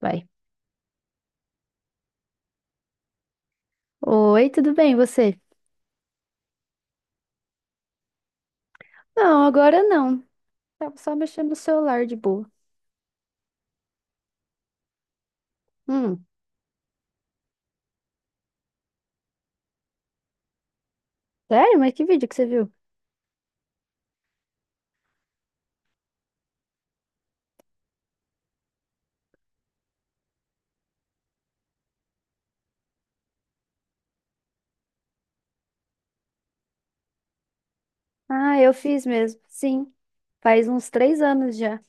Vai. Oi, tudo bem, você? Não, agora não. Tava só mexendo no celular de boa. Hum, sério? Mas que vídeo que você viu? Ah, eu fiz mesmo. Sim, faz uns 3 anos já.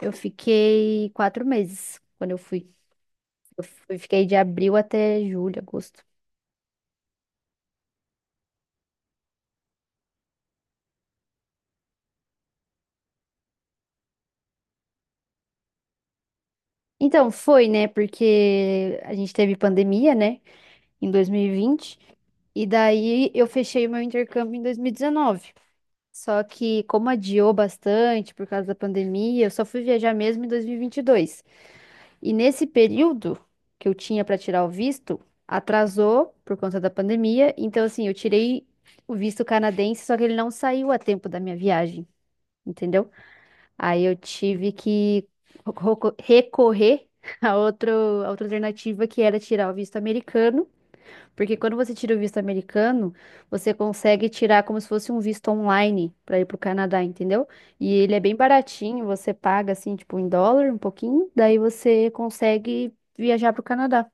Eu fiquei 4 meses quando eu fui. Fiquei de abril até julho, agosto. Então, foi, né? Porque a gente teve pandemia, né? Em 2020. E vinte. E daí eu fechei o meu intercâmbio em 2019. Só que, como adiou bastante por causa da pandemia, eu só fui viajar mesmo em 2022. E vinte e dois. E nesse período que eu tinha para tirar o visto, atrasou por conta da pandemia. Então, assim, eu tirei o visto canadense, só que ele não saiu a tempo da minha viagem, entendeu? Aí eu tive que recorrer a outra alternativa que era tirar o visto americano, porque quando você tira o visto americano, você consegue tirar como se fosse um visto online para ir pro Canadá, entendeu? E ele é bem baratinho, você paga assim, tipo, em dólar, um pouquinho, daí você consegue viajar pro Canadá.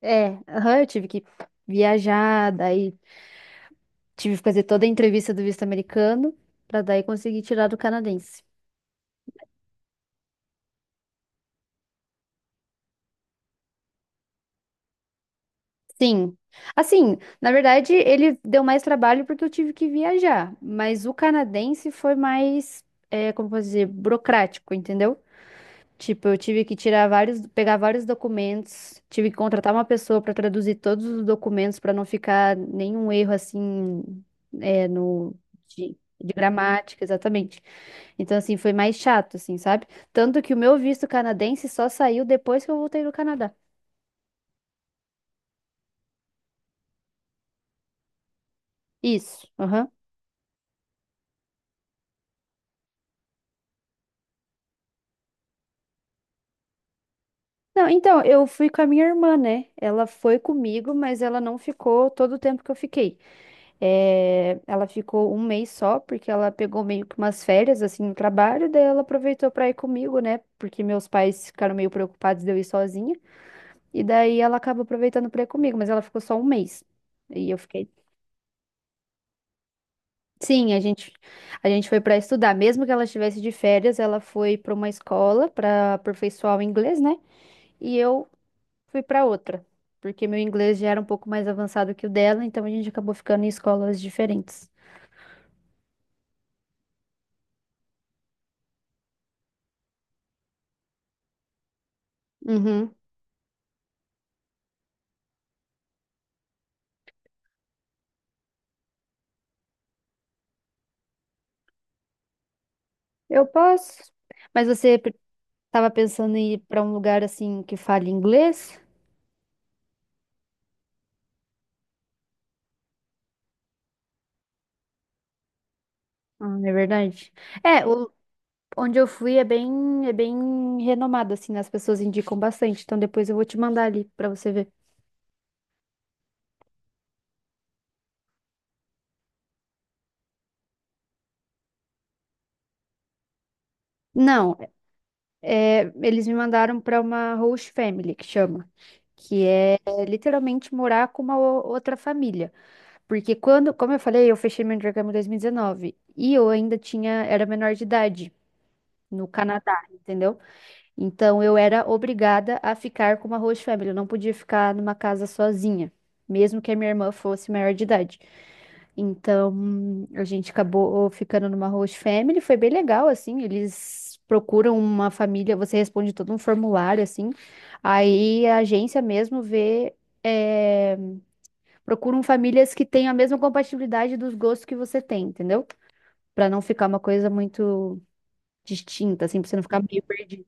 É, aham, eu tive que viajar, daí tive que fazer toda a entrevista do visto americano para daí conseguir tirar do canadense. Sim. Assim, na verdade, ele deu mais trabalho porque eu tive que viajar, mas o canadense foi mais, é, como posso dizer, burocrático, entendeu? Tipo, eu tive que tirar vários, pegar vários documentos, tive que contratar uma pessoa para traduzir todos os documentos para não ficar nenhum erro assim, é, no de gramática, exatamente. Então, assim, foi mais chato, assim, sabe? Tanto que o meu visto canadense só saiu depois que eu voltei do Canadá. Isso, aham. Não, então, eu fui com a minha irmã, né? Ela foi comigo, mas ela não ficou todo o tempo que eu fiquei. É, ela ficou um mês só, porque ela pegou meio que umas férias, assim, no trabalho, daí ela aproveitou pra ir comigo, né? Porque meus pais ficaram meio preocupados de eu ir sozinha, e daí ela acaba aproveitando pra ir comigo, mas ela ficou só um mês. E eu fiquei. Sim, a gente foi pra estudar, mesmo que ela estivesse de férias, ela foi pra uma escola pra aperfeiçoar o inglês, né? E eu fui pra outra, porque meu inglês já era um pouco mais avançado que o dela, então a gente acabou ficando em escolas diferentes. Uhum. Eu posso. Mas você pe- tava pensando em ir pra um lugar assim que fale inglês? Ah, não é verdade? É, onde eu fui é bem renomado, assim, né? As pessoas indicam bastante. Então depois eu vou te mandar ali pra você ver. Não, é, eles me mandaram pra uma host family, que chama. Que é literalmente morar com uma outra família. Porque quando, como eu falei, eu fechei meu intercâmbio em 2019. E dezenove, e eu ainda tinha, era menor de idade no Canadá, entendeu? Então eu era obrigada a ficar com uma host family, eu não podia ficar numa casa sozinha, mesmo que a minha irmã fosse maior de idade. Então a gente acabou ficando numa host family, foi bem legal assim, eles procuram uma família, você responde todo um formulário assim. Aí a agência mesmo vê, é, procuram famílias que tenham a mesma compatibilidade dos gostos que você tem, entendeu? Pra não ficar uma coisa muito distinta, assim, pra você não ficar meio perdido.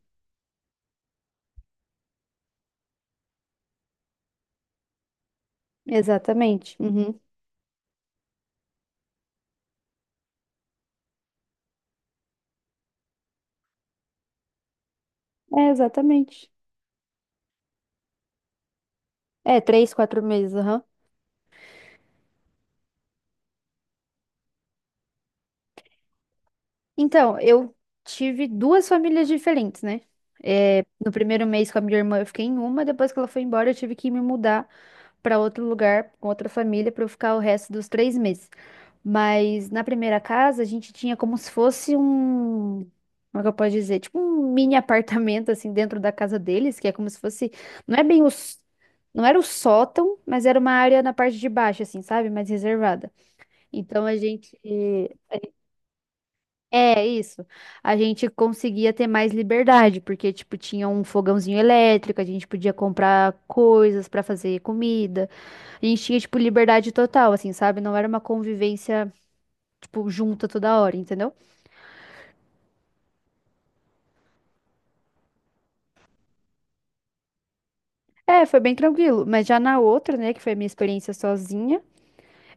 Exatamente. Uhum. É, exatamente. É, 3, 4 meses, aham. Então, eu tive duas famílias diferentes, né? É, no primeiro mês com a minha irmã eu fiquei em uma, depois que ela foi embora eu tive que me mudar pra outro lugar, com outra família, pra eu ficar o resto dos 3 meses. Mas na primeira casa a gente tinha como se fosse um. Como é que eu posso dizer? Tipo um mini apartamento, assim, dentro da casa deles, que é como se fosse. Não é bem os. Não era o sótão, mas era uma área na parte de baixo, assim, sabe? Mais reservada. Então a gente. É isso. A gente conseguia ter mais liberdade, porque, tipo, tinha um fogãozinho elétrico, a gente podia comprar coisas pra fazer comida. A gente tinha, tipo, liberdade total, assim, sabe? Não era uma convivência, tipo, junta toda hora, entendeu? É, foi bem tranquilo. Mas já na outra, né, que foi a minha experiência sozinha.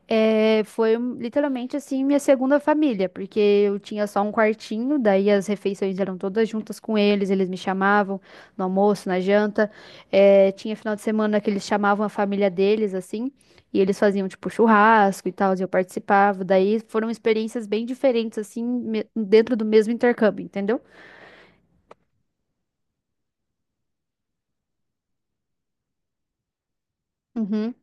É, foi literalmente assim minha segunda família, porque eu tinha só um quartinho, daí as refeições eram todas juntas com eles, eles me chamavam no almoço, na janta. É, tinha final de semana que eles chamavam a família deles, assim, e eles faziam tipo churrasco e tal, e eu participava. Daí foram experiências bem diferentes, assim, dentro do mesmo intercâmbio, entendeu? Uhum.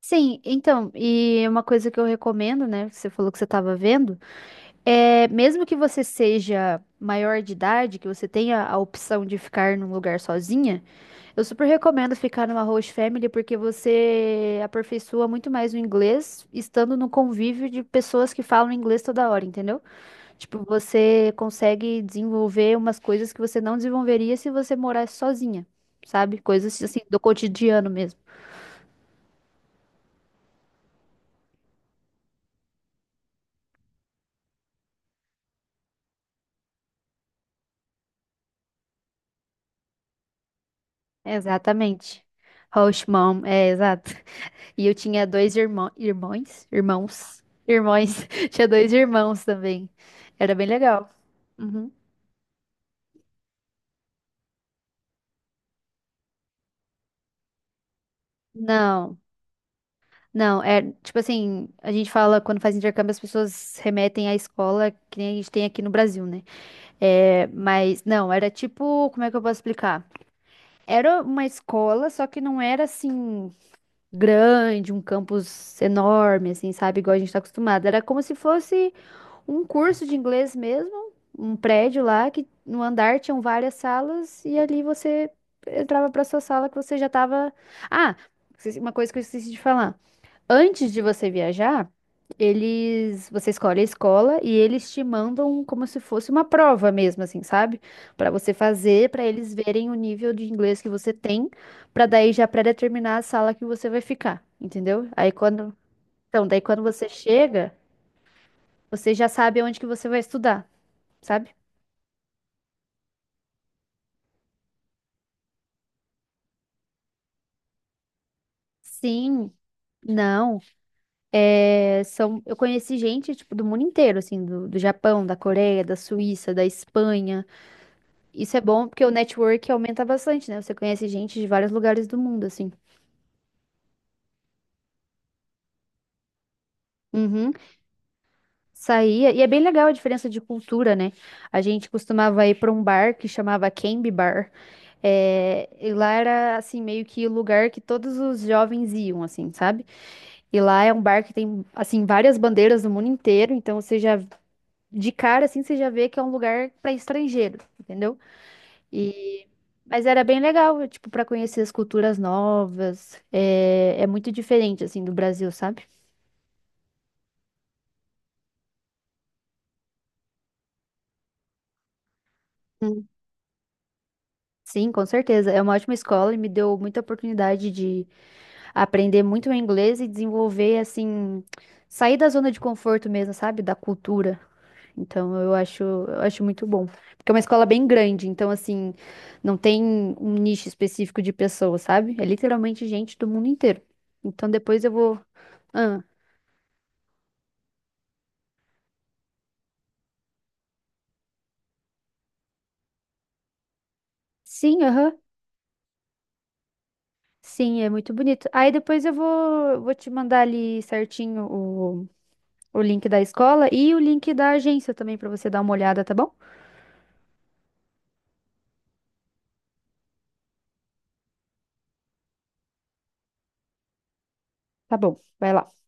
Sim, então, e uma coisa que eu recomendo, né? Que você falou que você estava vendo. É, mesmo que você seja maior de idade, que você tenha a opção de ficar num lugar sozinha, eu super recomendo ficar numa host family, porque você aperfeiçoa muito mais o inglês estando no convívio de pessoas que falam inglês toda hora, entendeu? Tipo, você consegue desenvolver umas coisas que você não desenvolveria se você morasse sozinha, sabe? Coisas assim do cotidiano mesmo. Exatamente. Host mom, é exato. E eu tinha dois irmãos, tinha dois irmãos também. Era bem legal. Uhum. Não, não, é tipo assim, a gente fala quando faz intercâmbio, as pessoas remetem à escola que nem a gente tem aqui no Brasil, né? É, mas não, era tipo, como é que eu posso explicar? Era uma escola, só que não era assim grande, um campus enorme, assim, sabe? Igual a gente tá acostumado. Era como se fosse um curso de inglês mesmo, um prédio lá que no andar tinham várias salas e ali você entrava para sua sala que você já estava. Ah, uma coisa que eu esqueci de falar. Antes de você viajar, eles, você escolhe a escola e eles te mandam como se fosse uma prova mesmo, assim, sabe? Para você fazer, para eles verem o nível de inglês que você tem, para daí já pré-determinar a sala que você vai ficar, entendeu? Aí quando, então, daí quando você chega, você já sabe onde que você vai estudar, sabe? Sim. Não, é, são, eu conheci gente, tipo, do mundo inteiro, assim, do Japão, da Coreia, da Suíça, da Espanha. Isso é bom porque o network aumenta bastante, né? Você conhece gente de vários lugares do mundo, assim. Uhum. Saía, e é bem legal a diferença de cultura, né? A gente costumava ir para um bar que chamava Canby Bar. É, e lá era, assim, meio que o lugar que todos os jovens iam, assim, sabe? E lá é um bar que tem, assim, várias bandeiras do mundo inteiro, então você já de cara assim você já vê que é um lugar para estrangeiro, entendeu? E mas era bem legal, tipo, para conhecer as culturas novas. É, é muito diferente assim do Brasil, sabe? Hum. Sim, com certeza. É uma ótima escola e me deu muita oportunidade de aprender muito o inglês e desenvolver assim, sair da zona de conforto mesmo, sabe? Da cultura. Então eu acho muito bom. Porque é uma escola bem grande, então assim, não tem um nicho específico de pessoas, sabe? É literalmente gente do mundo inteiro. Então depois eu vou. Ah, sim, aham. Sim, é muito bonito. Aí depois eu vou te mandar ali certinho o link da escola e o link da agência também pra você dar uma olhada, tá bom? Tá bom, vai lá.